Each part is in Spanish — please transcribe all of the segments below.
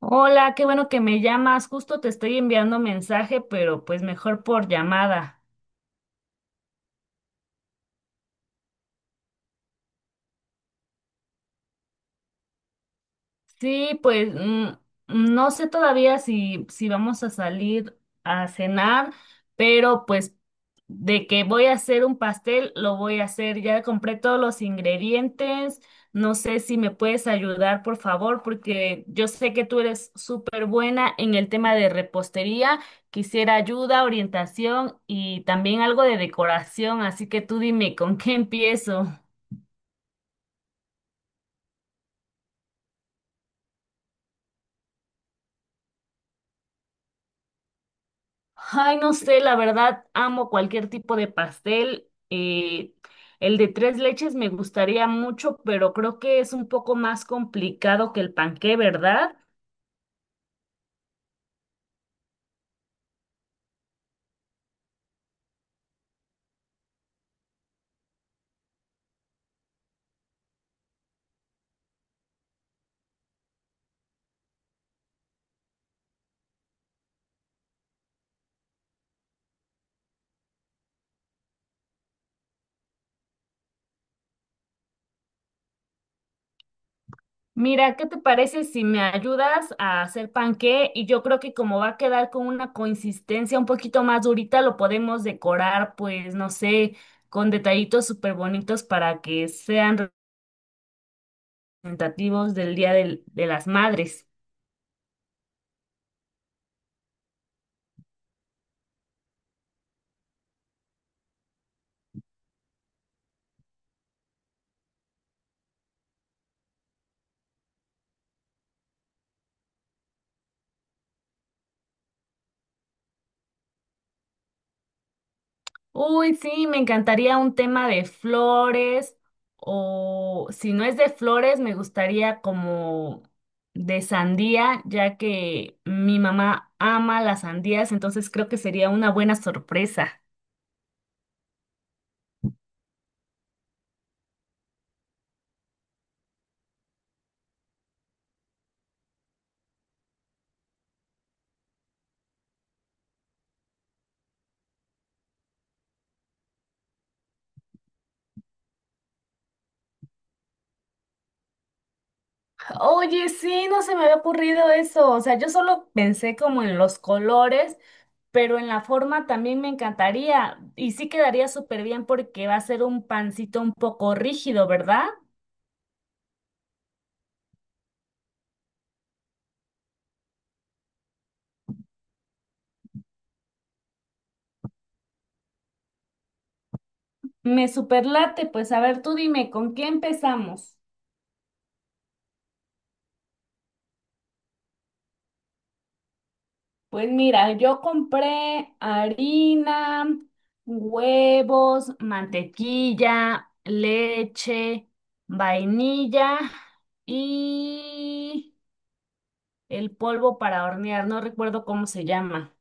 Hola, qué bueno que me llamas. Justo te estoy enviando mensaje, pero pues mejor por llamada. Sí, pues no sé todavía si vamos a salir a cenar, pero pues de que voy a hacer un pastel, lo voy a hacer. Ya compré todos los ingredientes. No sé si me puedes ayudar, por favor, porque yo sé que tú eres súper buena en el tema de repostería. Quisiera ayuda, orientación y también algo de decoración, así que tú dime con qué empiezo. Ay, no sé, la verdad amo cualquier tipo de pastel. El de tres leches me gustaría mucho, pero creo que es un poco más complicado que el panqué, ¿verdad? Mira, ¿qué te parece si me ayudas a hacer panqué? Y yo creo que como va a quedar con una consistencia un poquito más durita, lo podemos decorar, pues, no sé, con detallitos súper bonitos para que sean representativos del Día de las Madres. Uy, sí, me encantaría un tema de flores o si no es de flores, me gustaría como de sandía, ya que mi mamá ama las sandías, entonces creo que sería una buena sorpresa. Oye, sí, no se me había ocurrido eso, o sea, yo solo pensé como en los colores, pero en la forma también me encantaría y sí quedaría súper bien porque va a ser un pancito un poco rígido, ¿verdad? Me superlate, pues a ver, tú dime, ¿con qué empezamos? Pues mira, yo compré harina, huevos, mantequilla, leche, vainilla y el polvo para hornear, no recuerdo cómo se llama.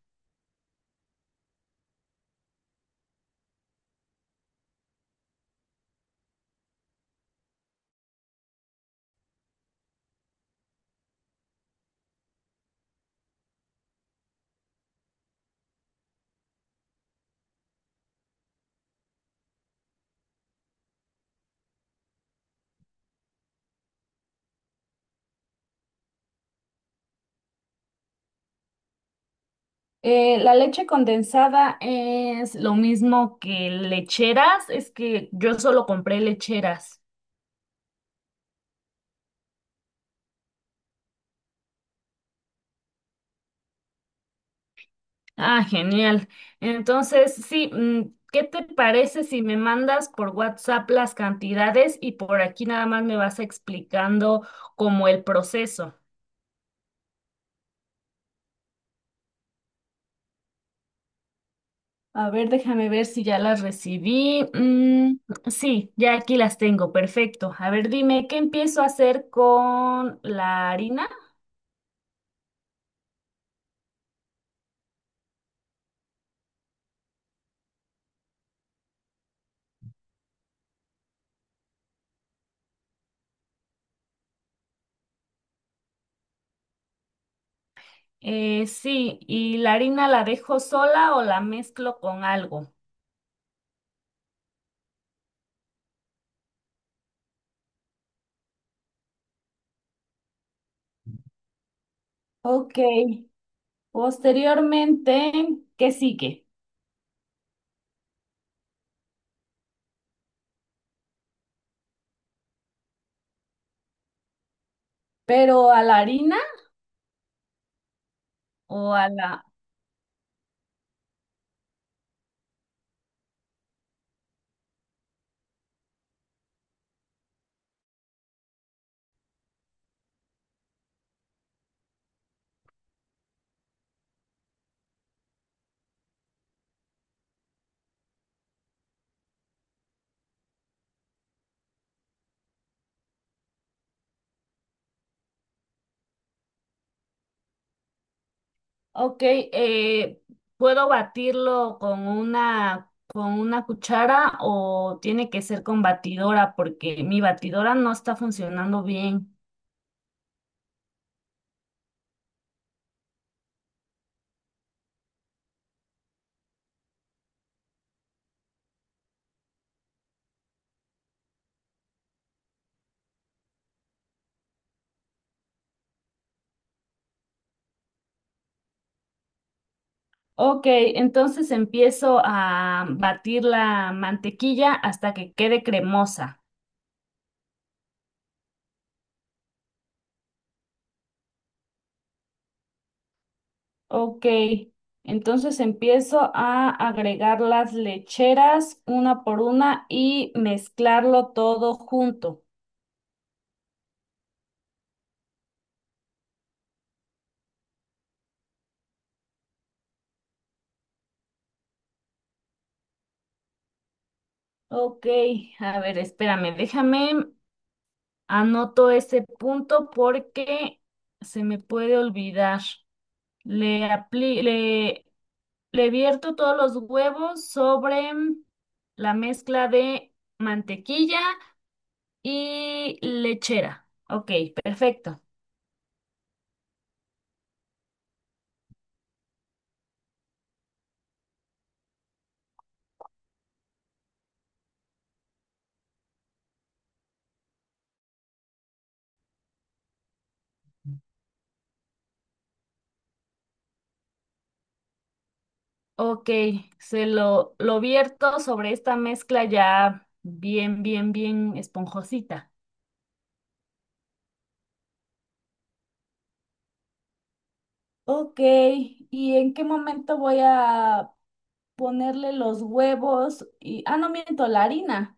La leche condensada es lo mismo que lecheras, es que yo solo compré lecheras. Ah, genial. Entonces, sí, ¿qué te parece si me mandas por WhatsApp las cantidades y por aquí nada más me vas explicando como el proceso? A ver, déjame ver si ya las recibí. Sí, ya aquí las tengo, perfecto. A ver, dime, ¿qué empiezo a hacer con la harina? Sí, ¿y la harina la dejo sola o la mezclo con algo? Ok, posteriormente, ¿qué sigue? Pero a la harina. Ojalá. Ok, ¿puedo batirlo con una cuchara o tiene que ser con batidora? Porque mi batidora no está funcionando bien. Ok, entonces empiezo a batir la mantequilla hasta que quede cremosa. Ok, entonces empiezo a agregar las lecheras una por una y mezclarlo todo junto. Ok, a ver, espérame, déjame. Anoto ese punto porque se me puede olvidar. Le apli- le, le vierto todos los huevos sobre la mezcla de mantequilla y lechera. Ok, perfecto. Ok, lo vierto sobre esta mezcla ya bien, bien, bien esponjosita. Ok, ¿y en qué momento voy a ponerle los huevos? Y, ah, no miento, la harina.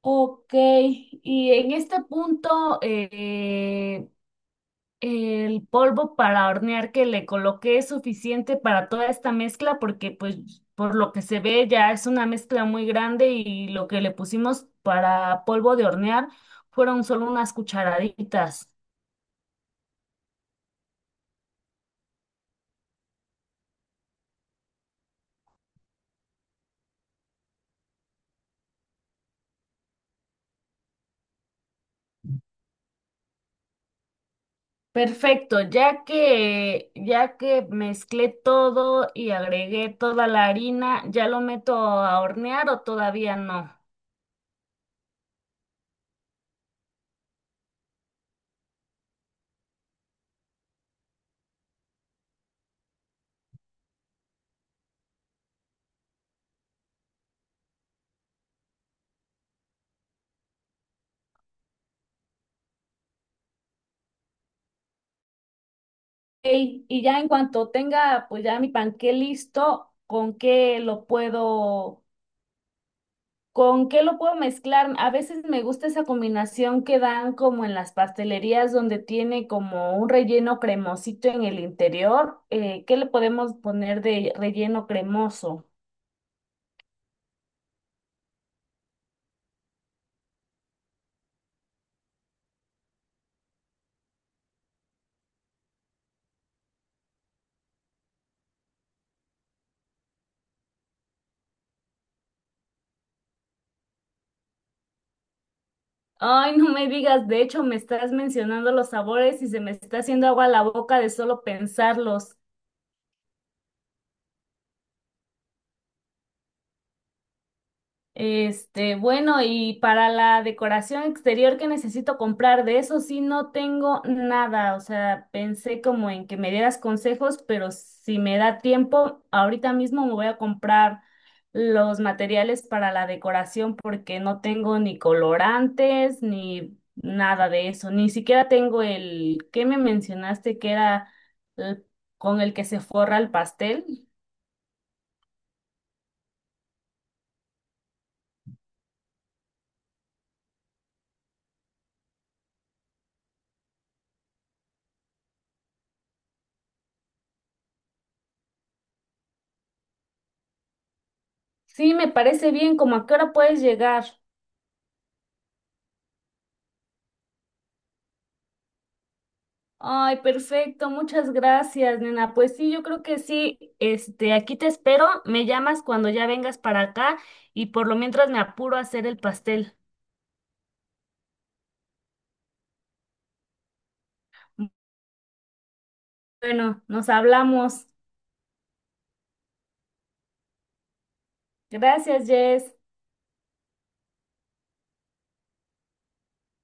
Ok, y en este punto, el polvo para hornear que le coloqué es suficiente para toda esta mezcla porque pues por lo que se ve ya es una mezcla muy grande y lo que le pusimos para polvo de hornear fueron solo unas cucharaditas. Perfecto, ya que mezclé todo y agregué toda la harina, ¿ya lo meto a hornear o todavía no? Ey, y ya en cuanto tenga pues ya mi panqué listo, ¿con qué lo puedo mezclar? A veces me gusta esa combinación que dan como en las pastelerías donde tiene como un relleno cremosito en el interior. ¿Qué le podemos poner de relleno cremoso? Ay, no me digas, de hecho me estás mencionando los sabores y se me está haciendo agua la boca de solo pensarlos. Este, bueno, y para la decoración exterior que necesito comprar, de eso sí no tengo nada. O sea, pensé como en que me dieras consejos, pero si me da tiempo, ahorita mismo me voy a comprar los materiales para la decoración porque no tengo ni colorantes ni nada de eso. Ni siquiera tengo el que me mencionaste que era el- con el que se forra el pastel. Sí, me parece bien, como a qué hora puedes llegar. Ay, perfecto, muchas gracias, nena. Pues sí, yo creo que sí. Este, aquí te espero, me llamas cuando ya vengas para acá y por lo mientras me apuro a hacer el pastel. Bueno, nos hablamos. Gracias, Jess.